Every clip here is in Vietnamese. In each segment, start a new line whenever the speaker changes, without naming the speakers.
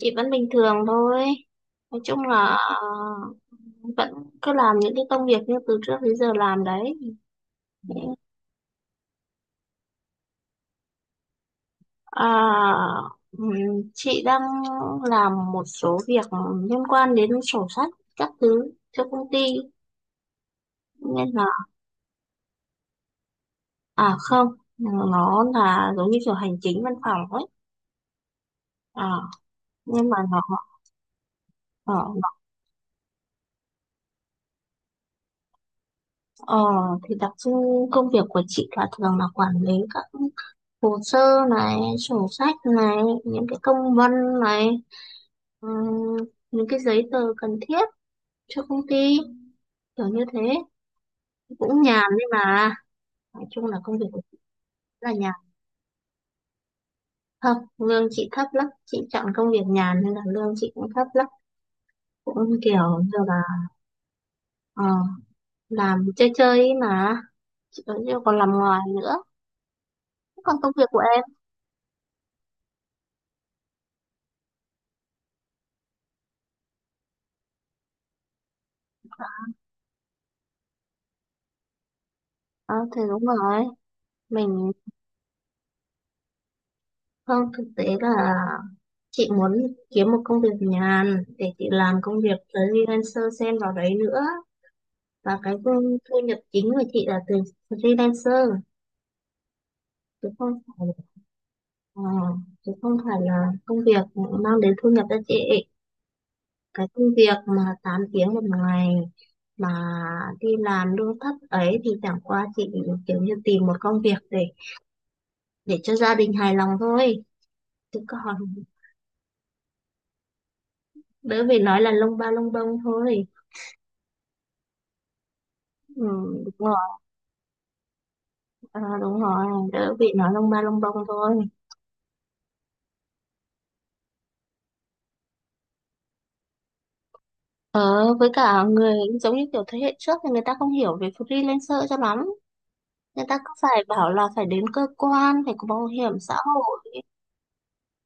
Chị vẫn bình thường thôi, nói chung là vẫn cứ làm những cái công việc như từ trước đến giờ làm đấy. À, ừm, chị đang làm một số việc liên quan đến sổ sách các thứ cho công ty nên là. À không, nó là giống như kiểu hành chính văn phòng ấy. À, nhưng mà nó- ờ, thì đặc trưng công việc của chị là thường là quản lý các hồ sơ này, sổ sách này, những cái công văn này, ừ, những cái giấy tờ cần thiết cho công ty, kiểu như thế, cũng nhàn đấy mà. Nói chung là công việc của chị là nhàn. Không, lương chị thấp lắm, chị chọn công việc nhàn nên là lương chị cũng thấp lắm, cũng kiểu như là ờ, làm chơi chơi ấy mà. Chị vẫn chưa còn làm ngoài nữa. Còn công việc của em? Ờ, thì đúng rồi. Mình. Không, thực tế là chị muốn kiếm một công việc nhàn để chị làm công việc freelancer xen vào đấy nữa. Và cái thu thu nhập chính của chị là từ freelancer, chứ không phải ờ, chứ không phải là công việc mang đến thu nhập cho chị. Cái công việc mà 8 tiếng một ngày mà đi làm lương thấp ấy thì chẳng qua chị kiểu như tìm một công việc để cho gia đình hài lòng thôi. Chứ còn đỡ phải nói là lông ba lông bông thôi. Ừ, đúng. Ờ, đúng rồi, đỡ bị nói lông ba lông bông thôi. Ờ, với cả người giống như kiểu thế hệ trước thì người ta không hiểu về freelancer cho lắm. Người ta cứ phải bảo là phải đến cơ quan, phải có bảo hiểm xã hội,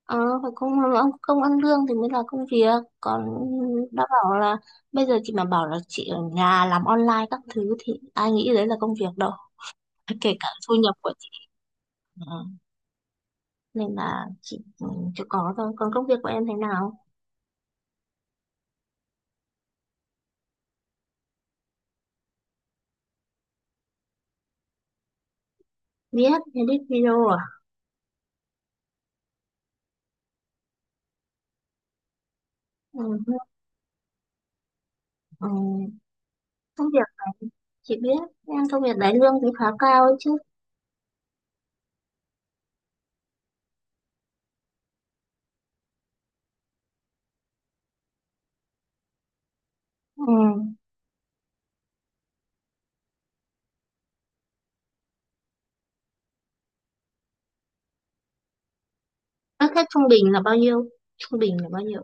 ờ, phải không, không ăn lương thì mới là công việc. Còn đã bảo là bây giờ chị mà bảo là chị ở nhà làm online các thứ thì ai nghĩ đấy là công việc đâu. Kể cả thu nhập của chị nữa. Nên là chị chưa có thôi. Còn công việc của em thế nào? Viết, edit video à? Ừ. Ừ, chị biết, em công việc đấy lương thì khá cao ấy chứ. Ừ. Các khách trung bình là bao nhiêu? Trung bình là bao nhiêu?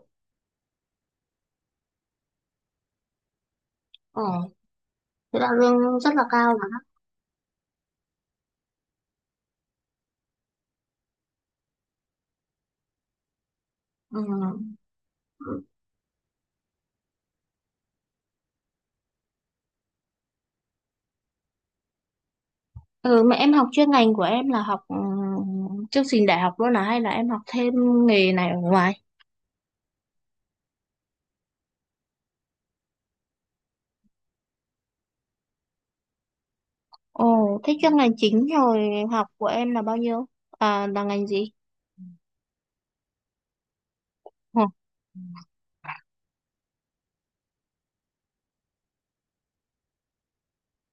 ờ Thế là lương rất là cao mà. Ừ. Ừ, mà em học chuyên ngành của em là học chương trình đại học luôn à, hay là em học thêm nghề này ở ngoài? Ồ, thế chuyên ngành chính rồi, học của em là bao nhiêu? À, là ngành gì? ờ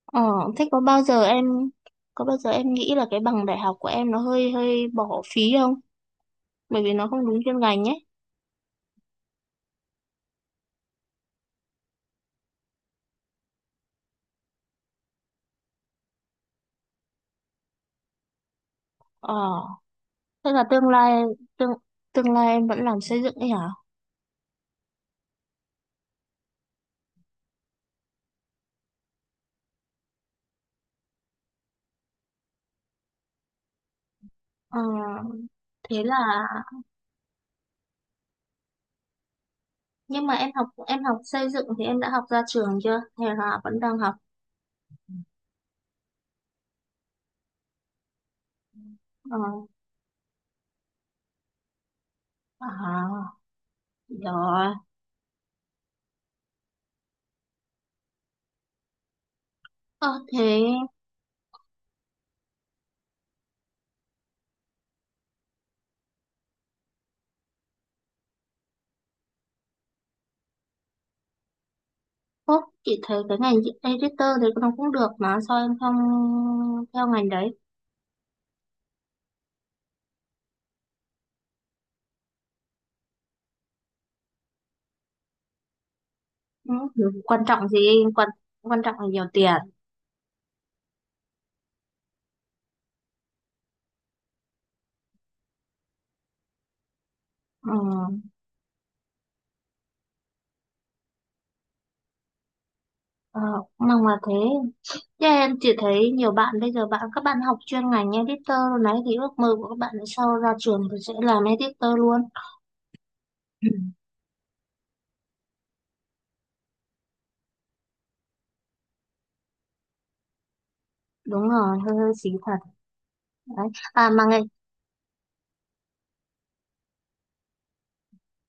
ờ, Thế có bao giờ em nghĩ là cái bằng đại học của em nó hơi hơi bỏ phí không, bởi vì nó không đúng chuyên ngành ấy? ờ Thế là tương lai, tương tương lai em vẫn làm xây dựng ấy hả? Ờ, thế là, nhưng mà em học xây dựng thì em đã học ra trường chưa? Hay là vẫn đang học? Ờ. À, rồi. Ờ, thế Phúc, chị thấy cái ngành editor thì nó cũng được mà sao em không theo ngành đấy? Ừ, quan trọng gì? Quan quan trọng là nhiều tiền. Ừ, ờ, mong là thế. Thế em chỉ thấy nhiều bạn bây giờ, các bạn học chuyên ngành editor luôn đấy thì ước mơ của các bạn sau ra trường thì sẽ làm editor luôn. Ừ. Đúng rồi, hơi hơi xí thật. Đấy. À mà ngày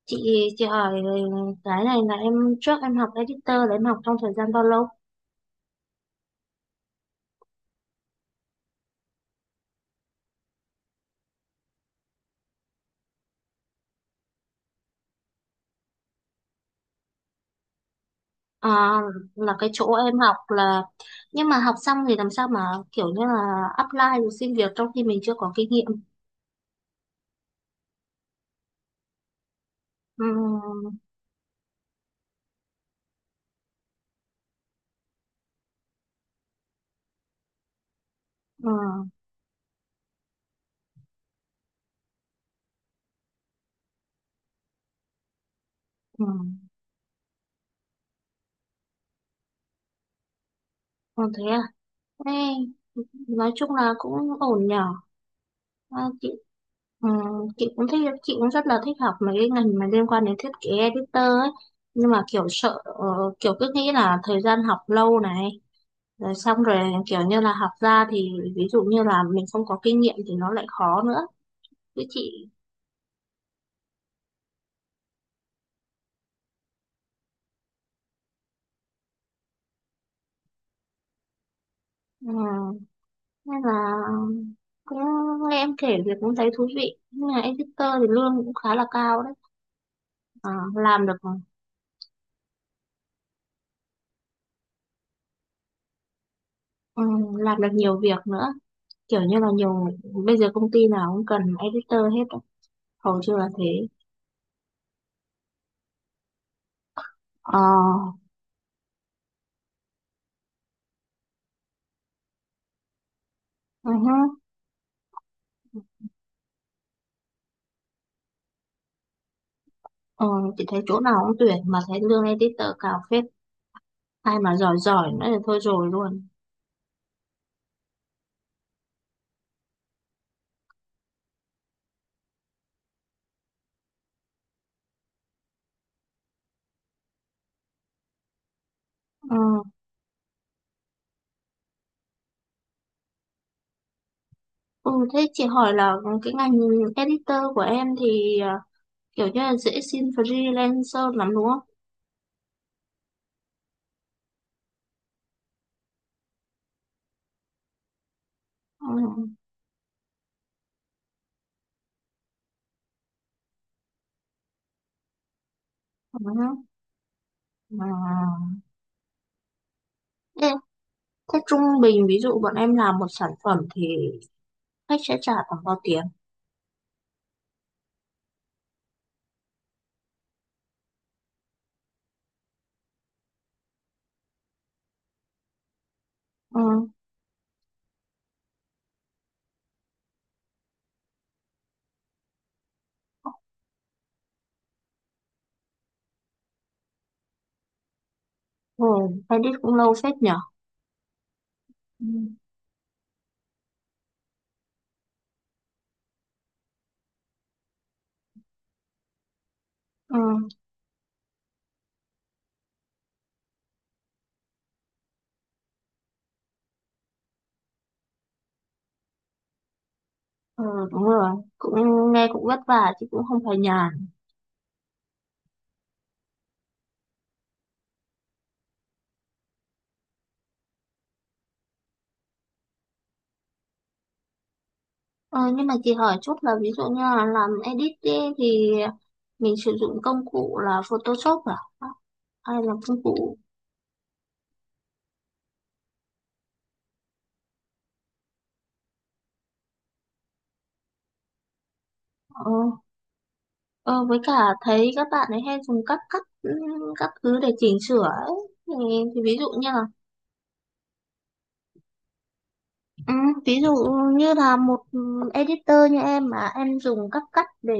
chị hỏi cái này là em, trước em học editor là em học trong thời gian bao lâu? À, là cái chỗ em học là, nhưng mà học xong thì làm sao mà kiểu như là apply rồi xin việc trong khi mình chưa có kinh nghiệm? Ừ, ừ, ừ. Còn thế à? Ê, nói chung là cũng ổn nhở. À. Ừ, chị cũng rất là thích học mấy cái ngành mà liên quan đến thiết kế editor ấy, nhưng mà kiểu sợ kiểu cứ nghĩ là thời gian học lâu này rồi xong rồi kiểu như là học ra thì ví dụ như là mình không có kinh nghiệm thì nó lại khó nữa. Với chị ừ, nên là cũng nghe em kể việc cũng thấy thú vị, nhưng mà editor thì lương cũng khá là cao đấy. Ờ, ừ, làm được nhiều việc nữa, kiểu như là nhiều, bây giờ công ty nào cũng cần editor hết á. Hầu như là thế. Ờ, uh-huh. Ừ hứ. Ờ, chị thấy chỗ nào cũng tuyển mà thấy lương editor cao phết. Ai mà giỏi giỏi nữa thì thôi rồi luôn. Ừ. Ừ, thế chị hỏi là cái ngành editor của em thì kiểu như là dễ xin freelancer lắm đúng không? Ừ. Ừ. Hứ. Ừ. Thế, thế trung bình ví dụ bọn em làm một sản phẩm thì khách sẽ trả khoảng bao tiền? Ừ. Ừ. Edit cũng lâu phết nhở? Ừ. Ừ. Ừ, đúng rồi. Cũng nghe cũng vất vả chứ cũng không phải nhàn. Ờ, nhưng mà chị hỏi chút là ví dụ như là làm edit ý, thì mình sử dụng công cụ là Photoshop à? Hay là công cụ ờ, ờ, với cả thấy các bạn ấy hay dùng các cắt các thứ để chỉnh sửa ấy. Thì, thì, ừ, ví dụ như là một editor như em mà em dùng các cắt để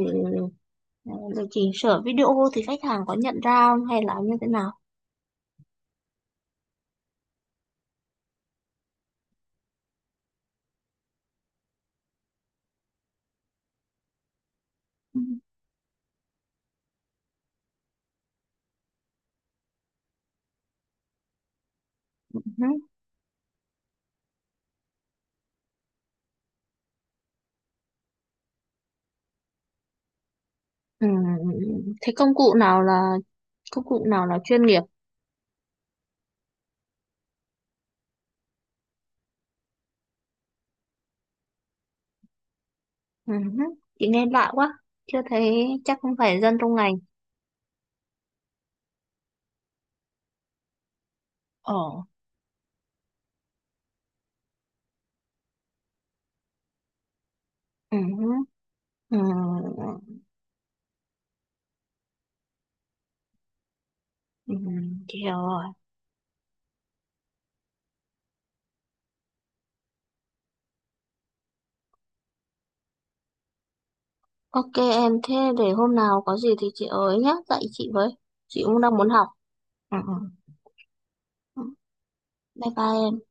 để chỉnh sửa video thì khách hàng có nhận ra không, hay là như thế nào? Ừ. Ừ. Thế công cụ nào là chuyên nghiệp? Ừ. Hứ. Chị nghe lạ quá, chưa thấy chắc không phải dân trong ngành. Ờ. Ừ. Hứ. Ừ. Ừ. Chị hiểu rồi. OK em, thế để hôm nào có gì thì chị ơi nhá, dạy chị với. Chị cũng đang muốn học. Ừ. Ừ. Bye bye em.